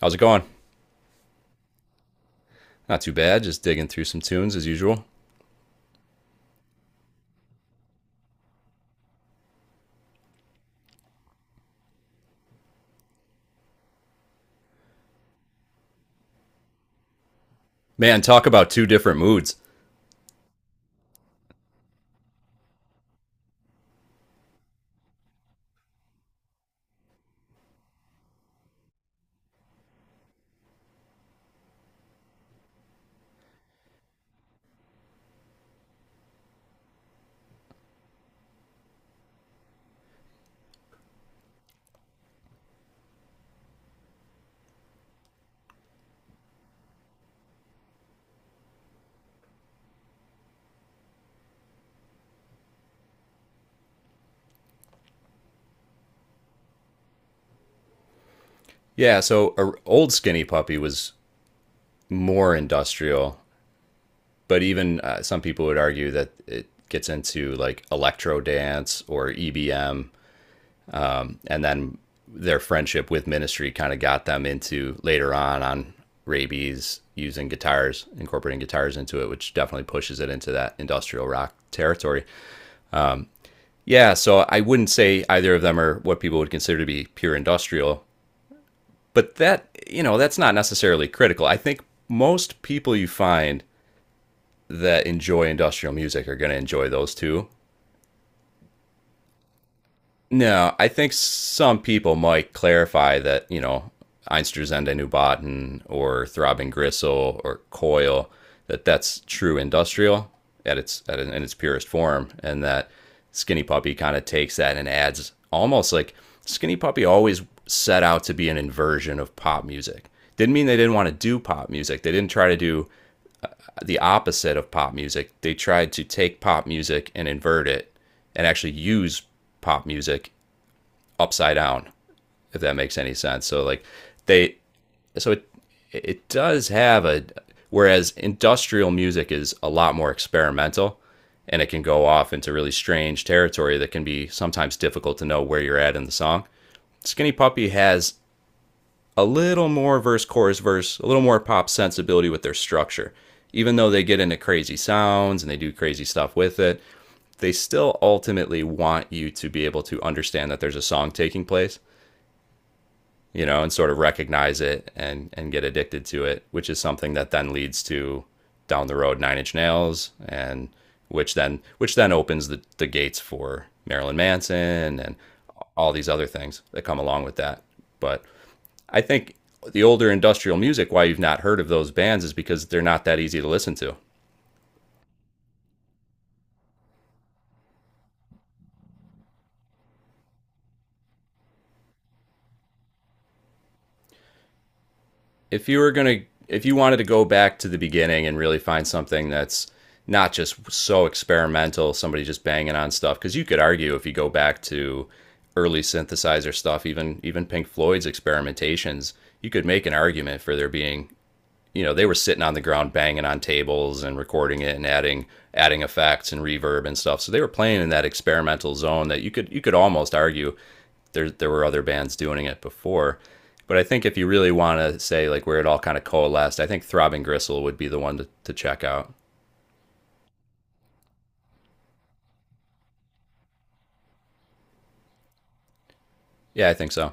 How's it going? Not too bad, just digging through some tunes as usual. Man, talk about two different moods. Yeah, so a old Skinny Puppy was more industrial, but even some people would argue that it gets into like electro dance or EBM, and then their friendship with Ministry kind of got them into later on Rabies using guitars, incorporating guitars into it, which definitely pushes it into that industrial rock territory. Yeah, so I wouldn't say either of them are what people would consider to be pure industrial, but that, you know, that's not necessarily critical. I think most people you find that enjoy industrial music are going to enjoy those two. No, I think some people might clarify that, you know, Einstürzende Neubauten or Throbbing Gristle or Coil, that's true industrial at its at, in its purest form, and that Skinny Puppy kind of takes that and adds almost like Skinny Puppy always set out to be an inversion of pop music. Didn't mean they didn't want to do pop music. They didn't try to do the opposite of pop music. They tried to take pop music and invert it and actually use pop music upside down, if that makes any sense. So like they, so it does have a. Whereas industrial music is a lot more experimental, and it can go off into really strange territory that can be sometimes difficult to know where you're at in the song. Skinny Puppy has a little more verse, chorus, verse, a little more pop sensibility with their structure. Even though they get into crazy sounds and they do crazy stuff with it, they still ultimately want you to be able to understand that there's a song taking place you know, and sort of recognize it and get addicted to it, which is something that then leads to down the road Nine Inch Nails and which then opens the gates for Marilyn Manson and all these other things that come along with that. But I think the older industrial music, why you've not heard of those bands, is because they're not that easy to listen to. If you were gonna if you wanted to go back to the beginning and really find something that's not just so experimental, somebody just banging on stuff, because you could argue if you go back to early synthesizer stuff, even Pink Floyd's experimentations, you could make an argument for there being you know they were sitting on the ground banging on tables and recording it and adding adding effects and reverb and stuff so they were playing in that experimental zone that you could almost argue there were other bands doing it before but I think if you really want to say like where it all kind of coalesced I think Throbbing Gristle would be the one to check out. Yeah, I think so.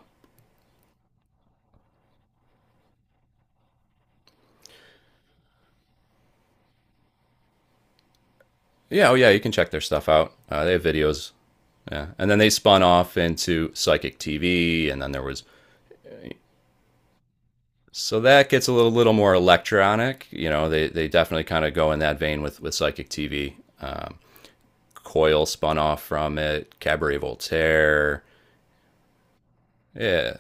Yeah, oh yeah, you can check their stuff out, they have videos. Yeah, and then they spun off into Psychic TV and then there was so that gets a little, little more electronic. You know, they definitely kind of go in that vein with Psychic TV. Um, Coil spun off from it, Cabaret Voltaire. Yeah,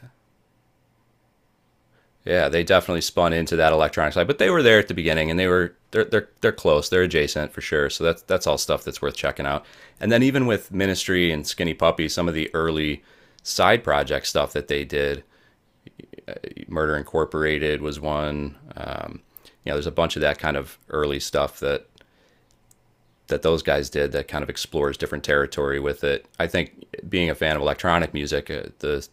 yeah, they definitely spun into that electronic side, but they were there at the beginning and they were they're close, they're adjacent for sure. So that's all stuff that's worth checking out. And then even with Ministry and Skinny Puppy, some of the early side project stuff that they did, Murder Incorporated was one. You know, there's a bunch of that kind of early stuff that those guys did that kind of explores different territory with it. I think being a fan of electronic music, the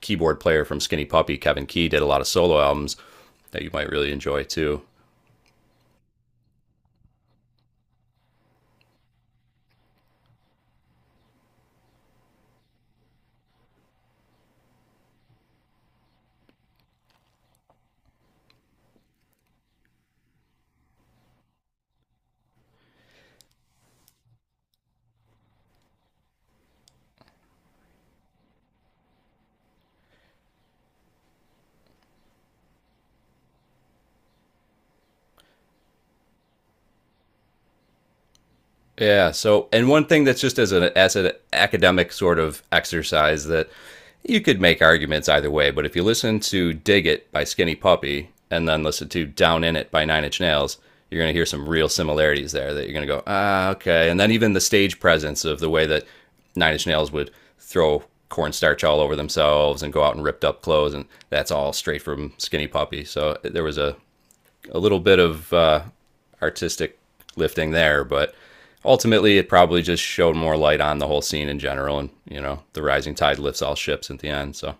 keyboard player from Skinny Puppy, Kevin Key, did a lot of solo albums that you might really enjoy too. Yeah. So, and one thing that's just as an academic sort of exercise that you could make arguments either way, but if you listen to "Dig It" by Skinny Puppy and then listen to "Down in It" by Nine Inch Nails, you're going to hear some real similarities there that you're going to go, ah, okay. And then even the stage presence of the way that Nine Inch Nails would throw cornstarch all over themselves and go out in ripped up clothes, and that's all straight from Skinny Puppy. So there was a little bit of artistic lifting there, but ultimately it probably just showed more light on the whole scene in general. And you know, the rising tide lifts all ships at the end. So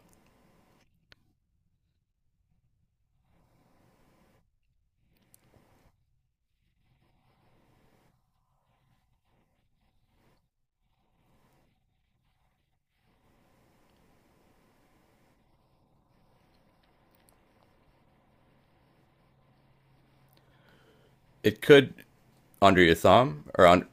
it could under your thumb or on.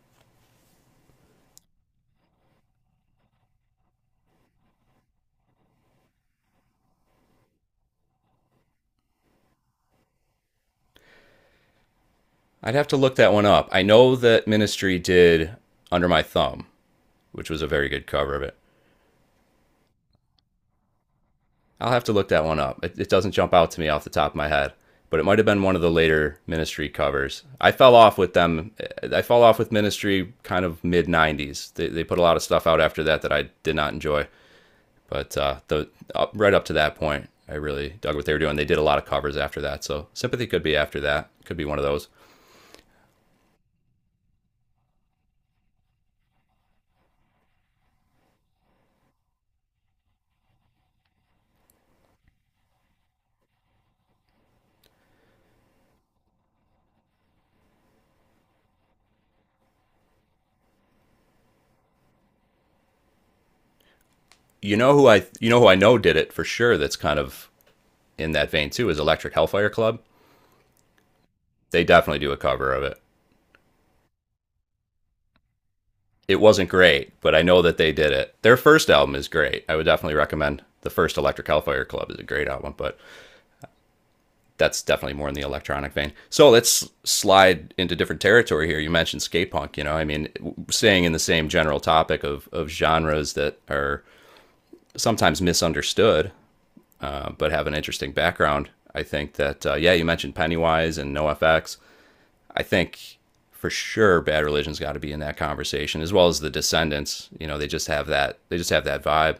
I'd have to look that one up. I know that Ministry did Under My Thumb, which was a very good cover of it. I'll have to look that one up. It doesn't jump out to me off the top of my head, but it might have been one of the later Ministry covers. I fell off with them. I fell off with Ministry kind of mid '90s. They put a lot of stuff out after that that I did not enjoy, but the up, right up to that point, I really dug what they were doing. They did a lot of covers after that, so Sympathy could be after that. Could be one of those. You know who I know did it for sure. That's kind of in that vein too is Electric Hellfire Club. They definitely do a cover of it. It wasn't great, but I know that they did it. Their first album is great. I would definitely recommend the first Electric Hellfire Club is a great album, but that's definitely more in the electronic vein. So let's slide into different territory here. You mentioned skate punk, you know, I mean, staying in the same general topic of genres that are sometimes misunderstood, but have an interesting background. I think that, yeah, you mentioned Pennywise and NoFX. I think for sure Bad Religion's got to be in that conversation as well as the Descendants. You know, they just have that vibe.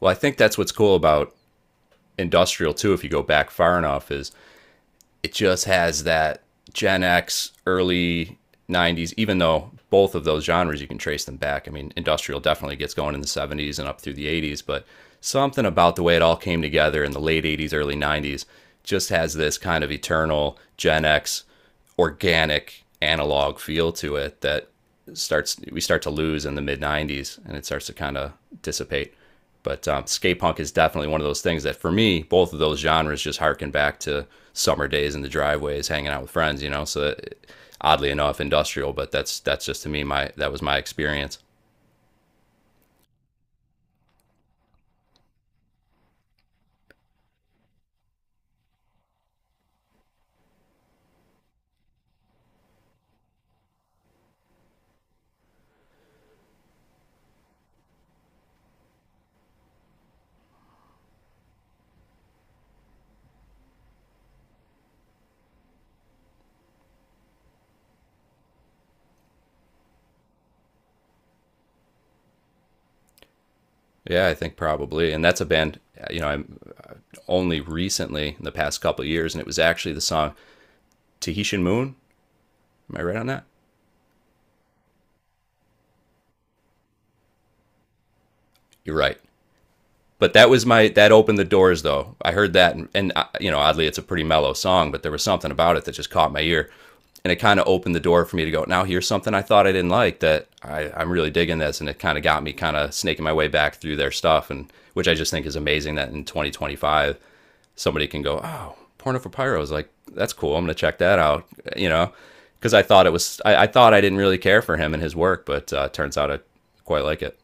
Well, I think that's what's cool about Industrial too. If you go back far enough, is it just has that Gen X, early 90s, even though both of those genres you can trace them back. I mean, industrial definitely gets going in the 70s and up through the 80s, but something about the way it all came together in the late 80s, early 90s just has this kind of eternal Gen X organic analog feel to it that starts we start to lose in the mid 90s and it starts to kind of dissipate. But skate punk is definitely one of those things that for me, both of those genres just harken back to summer days in the driveways, hanging out with friends, you know. So it, oddly enough, industrial, but that's just to me my that was my experience. Yeah, I think probably, and that's a band you know I'm uh, only recently in the past couple of years, and it was actually the song Tahitian Moon. Am I right on that? You're right. But that was my that opened the doors though. I heard that and, and you know oddly it's a pretty mellow song, but there was something about it that just caught my ear, and it kind of opened the door for me to go. Now here's something I thought I didn't like that I'm really digging this, and it kind of got me kind of snaking my way back through their stuff, and which I just think is amazing that in 2025 somebody can go, oh, Porno for Pyros, like that's cool. I'm gonna check that out, you know, because I thought it was I thought I didn't really care for him and his work, but turns out I quite like it.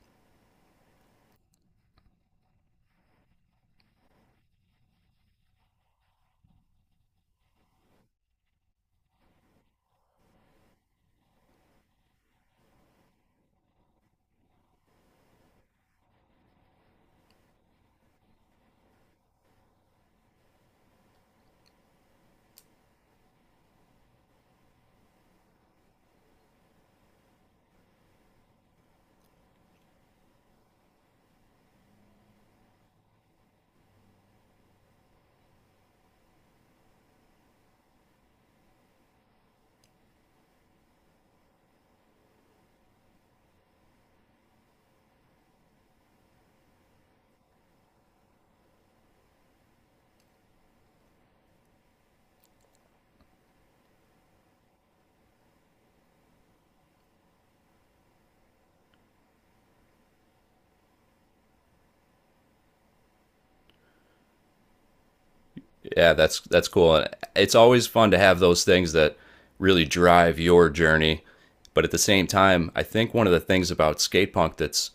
Yeah, that's cool. And it's always fun to have those things that really drive your journey. But at the same time, I think one of the things about skate punk that's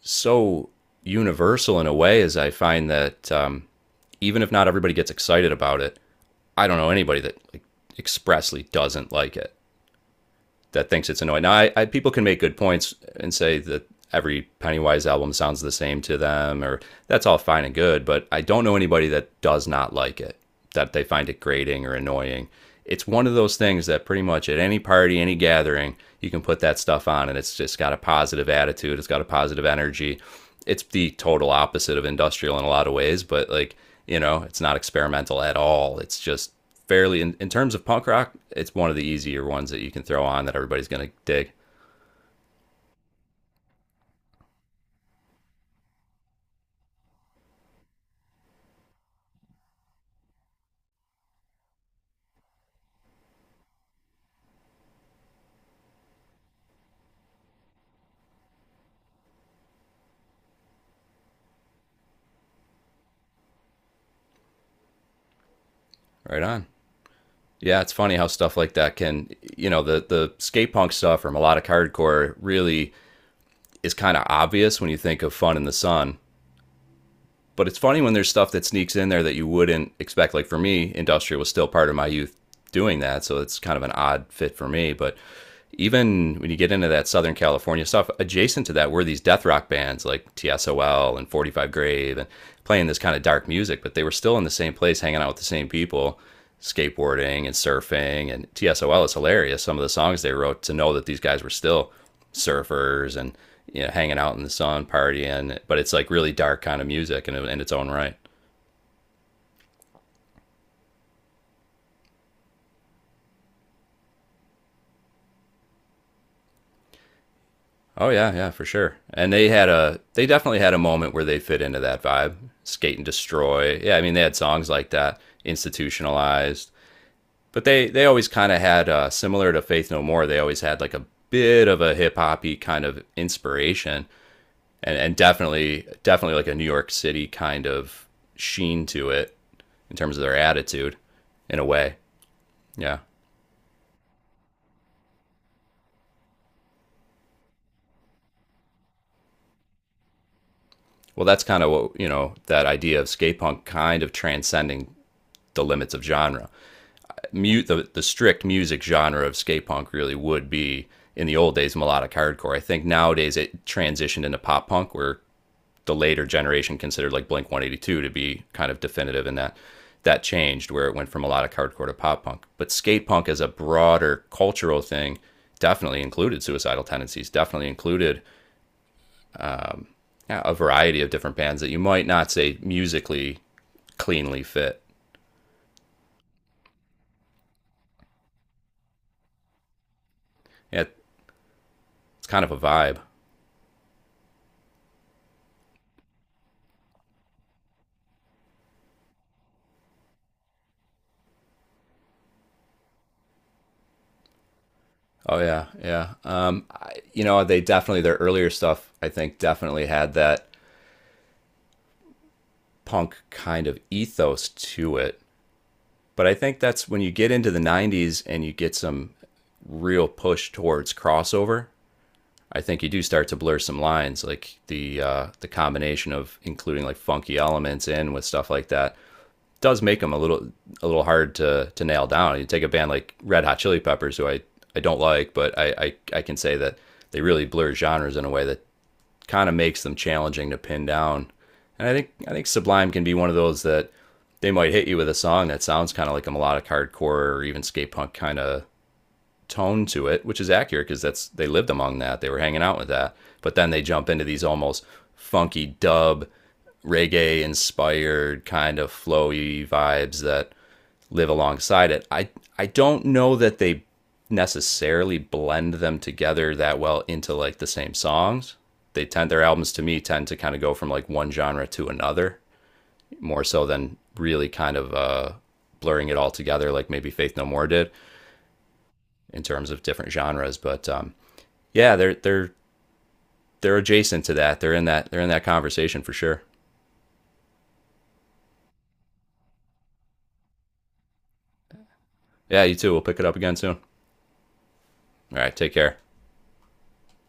so universal in a way is I find that even if not everybody gets excited about it, I don't know anybody that like, expressly doesn't like it. That thinks it's annoying. Now, people can make good points and say that every Pennywise album sounds the same to them, or that's all fine and good. But I don't know anybody that does not like it, that they find it grating or annoying. It's one of those things that pretty much at any party, any gathering, you can put that stuff on, and it's just got a positive attitude. It's got a positive energy. It's the total opposite of industrial in a lot of ways, but like it's not experimental at all. It's just fairly in terms of punk rock, it's one of the easier ones that you can throw on that everybody's going to dig. Right on. Yeah, it's funny how stuff like that can, the skate punk stuff or melodic hardcore, really is kind of obvious when you think of fun in the sun. But it's funny when there's stuff that sneaks in there that you wouldn't expect. Like for me, industrial was still part of my youth doing that, so it's kind of an odd fit for me. But even when you get into that Southern California stuff, adjacent to that were these death rock bands like TSOL and 45 Grave and playing this kind of dark music, but they were still in the same place hanging out with the same people, skateboarding and surfing. And TSOL is hilarious. Some of the songs they wrote, to know that these guys were still surfers and hanging out in the sun, partying, but it's like really dark kind of music in its own right. Oh yeah, yeah, for sure. And they definitely had a moment where they fit into that vibe. Skate and Destroy. Yeah, I mean they had songs like that, institutionalized. But they always kind of had, similar to Faith No More, they always had like a bit of a hip hoppy kind of inspiration, and definitely like a New York City kind of sheen to it in terms of their attitude, in a way. Yeah. Well, that's kind of what, that idea of skate punk kind of transcending the limits of genre. Mute the strict music genre of skate punk really would be, in the old days, melodic hardcore. I think nowadays it transitioned into pop punk, where the later generation considered like Blink 182 to be kind of definitive in that, changed where it went from melodic hardcore to pop punk. But skate punk as a broader cultural thing definitely included suicidal tendencies, definitely included, yeah, a variety of different bands that you might not say musically cleanly fit. Yeah, it's kind of a vibe. Oh yeah, yeah. I, they definitely, their earlier stuff, I think definitely had that punk kind of ethos to it. But I think that's when you get into the '90s and you get some real push towards crossover. I think you do start to blur some lines, like the combination of including like funky elements in with stuff like that, does make them a little, a little hard to nail down. You take a band like Red Hot Chili Peppers, who I don't like, but I can say that they really blur genres in a way that kind of makes them challenging to pin down. And I think Sublime can be one of those that they might hit you with a song that sounds kind of like a melodic hardcore or even skate punk kind of tone to it, which is accurate because that's, they lived among that, they were hanging out with that. But then they jump into these almost funky dub, reggae inspired kind of flowy vibes that live alongside it. I don't know that they necessarily blend them together that well into like the same songs. They tend, their albums to me tend to kind of go from like one genre to another, more so than really kind of, blurring it all together like maybe Faith No More did in terms of different genres. But yeah, they're adjacent to that. They're in that, they're in that conversation for sure. Yeah, you too. We'll pick it up again soon. All right, take care.